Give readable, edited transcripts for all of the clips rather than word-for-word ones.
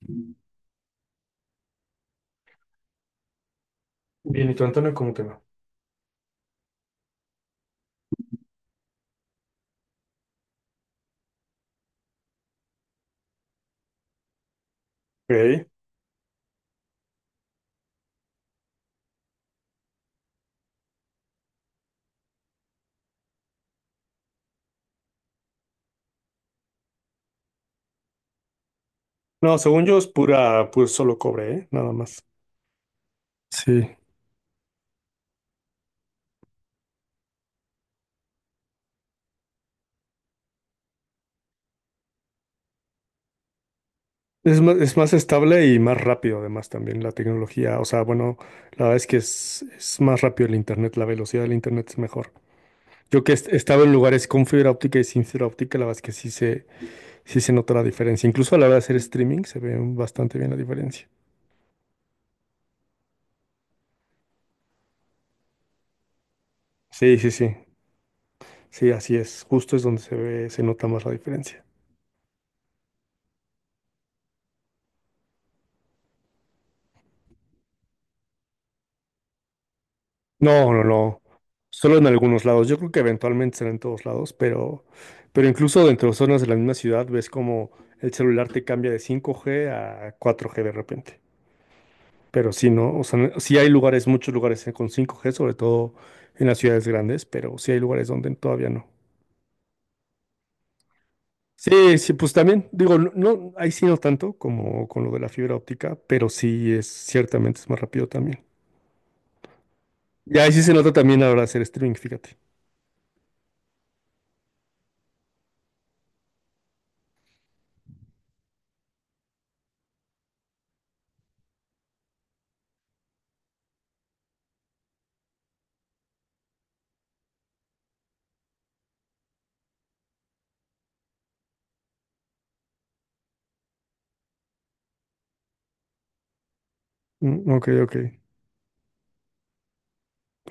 Bien, ¿y tú, Antonio, cómo te va? Ok. No, según yo es pura, pues solo cobre, ¿eh? Nada más. Sí. Es más estable y más rápido además también la tecnología. O sea, bueno, la verdad es que es más rápido el internet, la velocidad del internet es mejor. Yo que estaba en lugares con fibra óptica y sin fibra óptica, la verdad es que sí se nota la diferencia. Incluso a la hora de hacer streaming se ve bastante bien la diferencia. Sí, sí, sí. Sí, así es. Justo es donde se ve, se nota más la diferencia. No, no, no. Solo en algunos lados. Yo creo que eventualmente será en todos lados, pero incluso dentro de zonas de la misma ciudad ves como el celular te cambia de 5G a 4G de repente. Pero sí, no, o sea, sí hay lugares, muchos lugares con 5G, sobre todo en las ciudades grandes, pero sí hay lugares donde todavía no. Sí, sí, pues también, digo, no, no, ahí sí no tanto como con lo de la fibra óptica, pero sí es, ciertamente es más rápido también. Y ahí sí se nota también ahora hacer streaming, fíjate. Mm, ok, ok.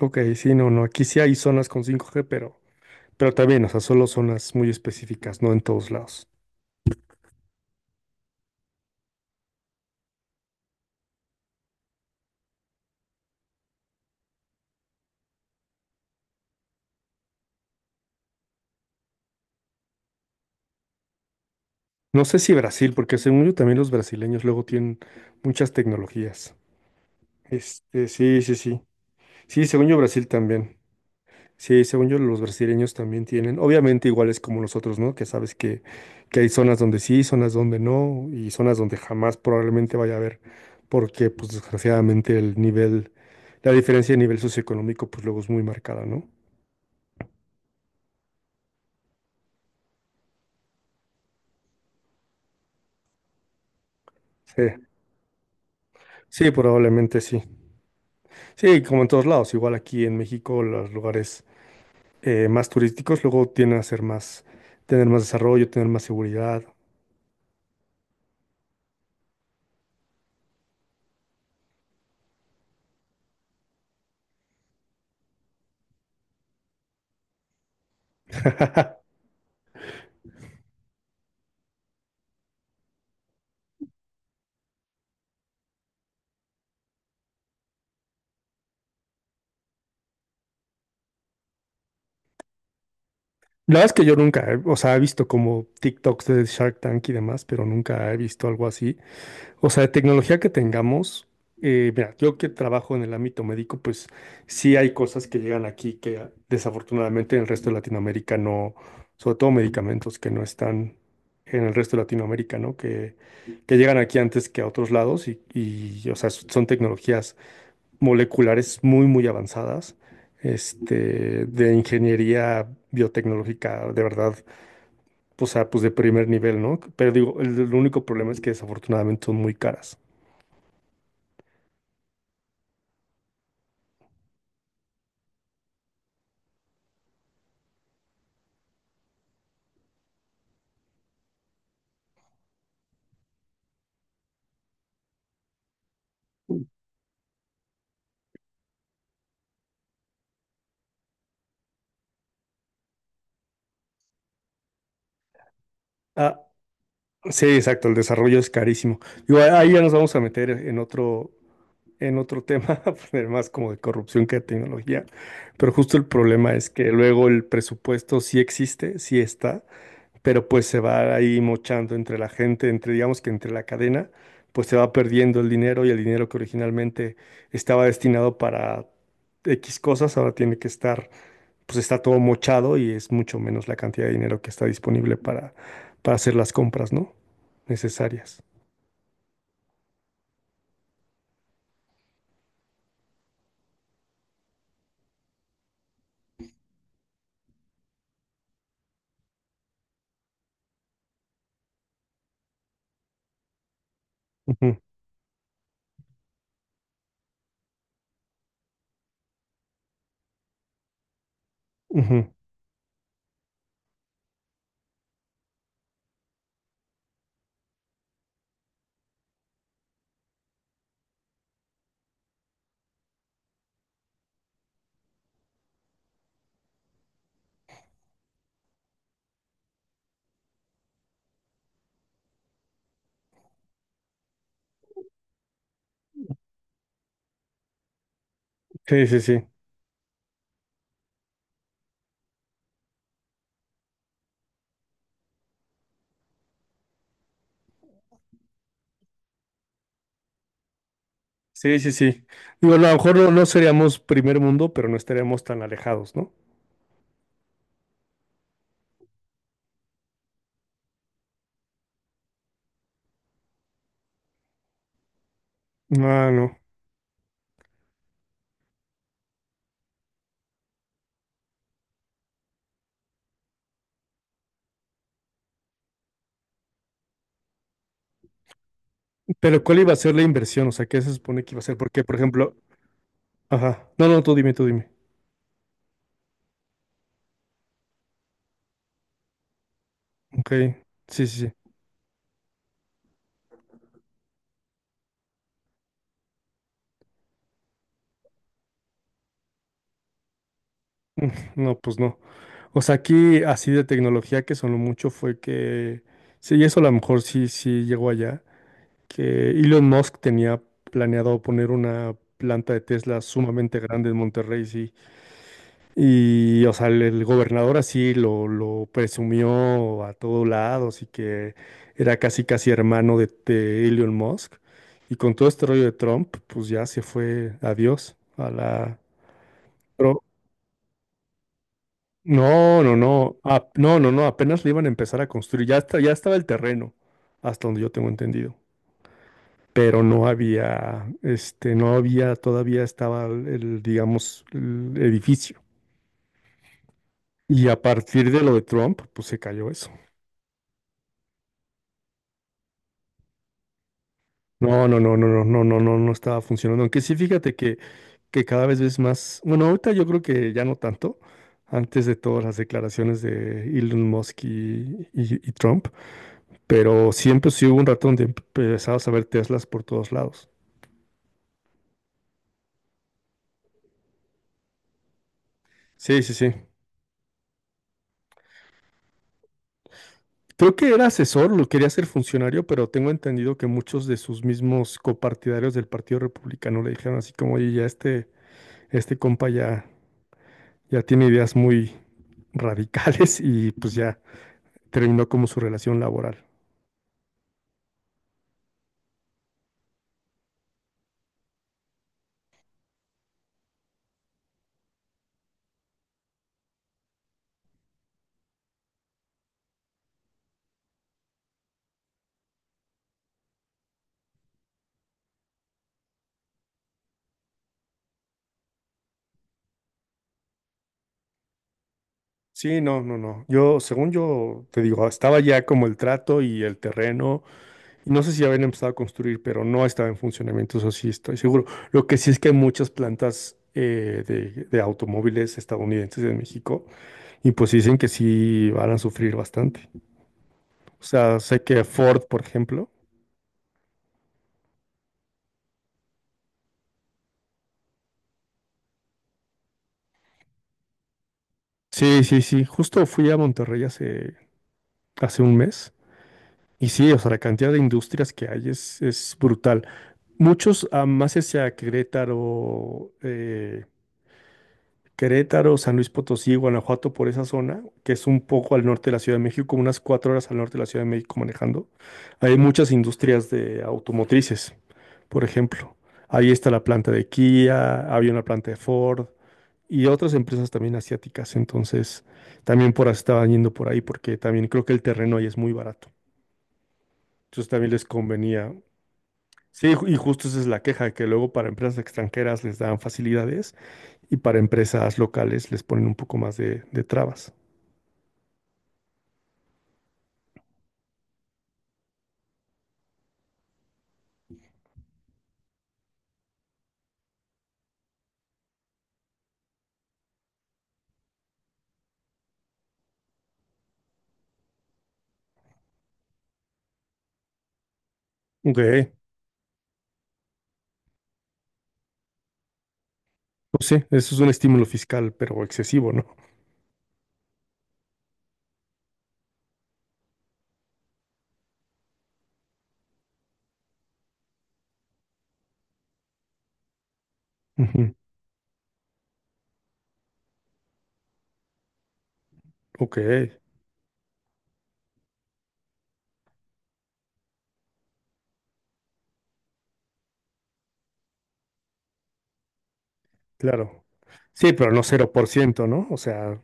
Ok, sí, no, no, aquí sí hay zonas con 5G, pero también, o sea, solo zonas muy específicas, no en todos lados. No sé si Brasil, porque según yo también los brasileños luego tienen muchas tecnologías. Sí, sí, sí. Sí, según yo Brasil también. Sí, según yo los brasileños también tienen. Obviamente iguales como nosotros, ¿no? Que, sabes Que hay zonas donde sí, zonas donde no, y zonas donde jamás probablemente vaya a haber, porque pues desgraciadamente el nivel, la diferencia de nivel socioeconómico pues luego es muy marcada, ¿no? Sí. Sí, probablemente sí. Sí, como en todos lados, igual aquí en México, los lugares más turísticos luego tienden a ser más, tener más desarrollo, tener más seguridad. La verdad es que yo nunca, o sea, he visto como TikToks de Shark Tank y demás, pero nunca he visto algo así. O sea, de tecnología que tengamos, mira, yo que trabajo en el ámbito médico, pues sí hay cosas que llegan aquí que desafortunadamente en el resto de Latinoamérica no, sobre todo medicamentos que no están en el resto de Latinoamérica, ¿no? Que llegan aquí antes que a otros lados y, o sea, son tecnologías moleculares muy, muy avanzadas, de ingeniería biotecnológica, de verdad, o sea, pues de primer nivel, ¿no? Pero digo, el único problema es que desafortunadamente son muy caras. A- Sí, exacto, el desarrollo es carísimo. Digo, ahí ya nos vamos a meter en otro tema, pues, más como de corrupción que de tecnología, pero justo el problema es que luego el presupuesto sí existe, sí está, pero pues se va ahí mochando entre la gente, entre digamos que entre la cadena, pues se va perdiendo el dinero y el dinero que originalmente estaba destinado para X cosas, ahora tiene que estar, pues está todo mochado y es mucho menos la cantidad de dinero que está disponible para hacer las compras, ¿no? necesarias. Ujú, ujú. Sí, sí, sí. Sí, sí, sí. Digo, a lo mejor no, no seríamos primer mundo, pero no estaríamos tan alejados, ¿no? Ah, no. Pero ¿cuál iba a ser la inversión? O sea, ¿qué se supone que iba a ser? Porque, por ejemplo, ajá. No, no, tú dime, tú dime. Ok. Sí, sí, sí. No, pues no. O sea, aquí así de tecnología que sonó mucho fue que, sí, y eso a lo mejor sí, sí llegó allá, que Elon Musk tenía planeado poner una planta de Tesla sumamente grande en Monterrey, sí. Y, o sea, el gobernador así lo presumió a todos lados y que era casi, casi hermano de, Elon Musk. Y con todo este rollo de Trump, pues ya se fue, adiós, a la... Pero, no, no, no, no, no, no, apenas le iban a empezar a construir, ya, ya estaba el terreno, hasta donde yo tengo entendido. Pero no había, este, no había, todavía estaba digamos, el edificio. Y a partir de lo de Trump, pues se cayó eso. No, no, no, no, no, no, no, no, no estaba funcionando. Aunque sí, fíjate que, cada vez ves más. Bueno, ahorita yo creo que ya no tanto. Antes de todas las declaraciones de Elon Musk y, y Trump. Pero siempre sí hubo un rato donde empezabas a ver Teslas por todos lados. Sí, sí, sí. Creo que era asesor, lo quería ser funcionario, pero tengo entendido que muchos de sus mismos copartidarios del Partido Republicano le dijeron así como, oye, ya este compa ya tiene ideas muy radicales y pues ya. Terminó como su relación laboral. Sí, no, no, no. Yo, según yo, te digo, estaba ya como el trato y el terreno. No sé si ya habían empezado a construir, pero no estaba en funcionamiento, eso sí estoy seguro. Lo que sí es que hay muchas plantas de, automóviles estadounidenses en México y pues dicen que sí van a sufrir bastante. O sea, sé que Ford, por ejemplo. Sí, sí, sí. Justo fui a Monterrey hace un mes. Y sí, o sea, la cantidad de industrias que hay es brutal. Muchos más hacia Querétaro, Querétaro, San Luis Potosí, Guanajuato, por esa zona, que es un poco al norte de la Ciudad de México, unas 4 horas al norte de la Ciudad de México manejando. Hay muchas industrias de automotrices, por ejemplo. Ahí está la planta de Kia, había una planta de Ford y otras empresas también asiáticas. Entonces, también por ahí estaban yendo por ahí porque también creo que el terreno ahí es muy barato. Entonces, también les convenía. Sí, y justo esa es la queja, que luego para empresas extranjeras les dan facilidades y para empresas locales les ponen un poco más de, trabas. Ok, pues sí, eso es un estímulo fiscal, pero excesivo, ¿no? Ujú, ok, claro. Sí, pero no 0%, ¿no? O sea,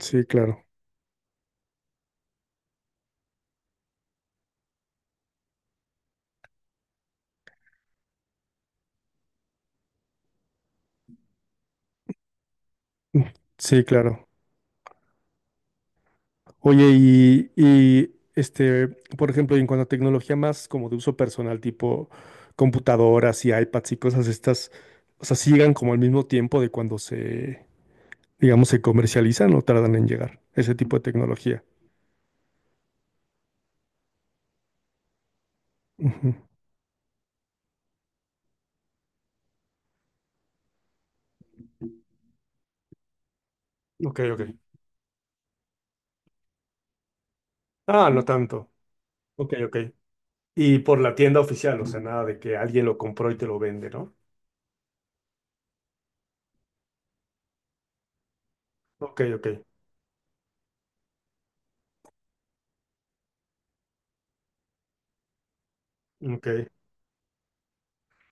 sí, claro, sí, claro. Oye, y por ejemplo, en cuanto a tecnología más como de uso personal, tipo computadoras y iPads y cosas estas, o sea, sigan como al mismo tiempo de cuando se digamos, se comercializan o tardan en llegar, ese tipo de tecnología. Ujú. Ok, ok. Ah, no tanto. Ok, ok. Y por la tienda oficial, o sea, nada de que alguien lo compró y te lo vende, ¿no? Ok, ok. Ok.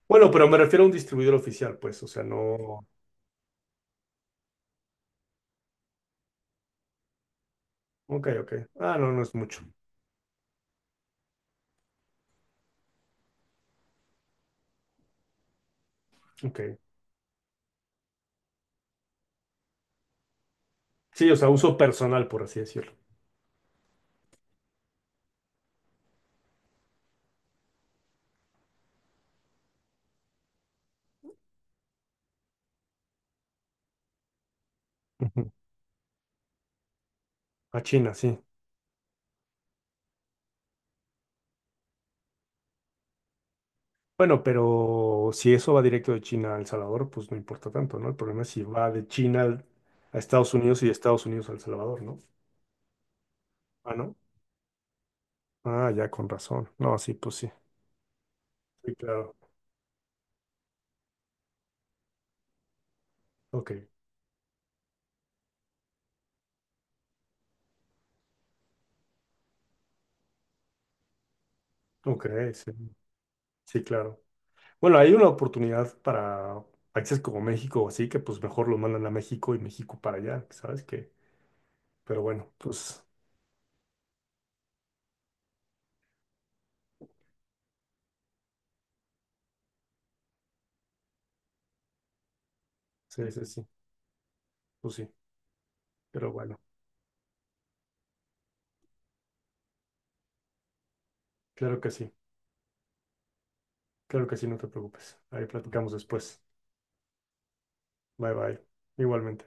Bueno, pero me refiero a un distribuidor oficial, pues, o sea, no. Ok, ok. Ah, no, no es mucho. Ok. Sí, o sea, uso personal, por así decirlo. Ujú. A China, sí. Bueno, pero si eso va directo de China a El Salvador, pues no importa tanto, ¿no? El problema es si va de China a Estados Unidos y de Estados Unidos a El Salvador, ¿no? Ah, ¿no? Ah, ya, con razón. No, sí, pues sí. Sí, claro. Ok, ok, sí. Sí, claro. Bueno, hay una oportunidad para países como México o así, que pues mejor lo mandan a México y México para allá, ¿sabes qué? Pero bueno, pues sí, sí, sí, pues sí. Pero bueno, claro que sí, claro que sí, no te preocupes. Ahí platicamos después. Bye, bye. Igualmente.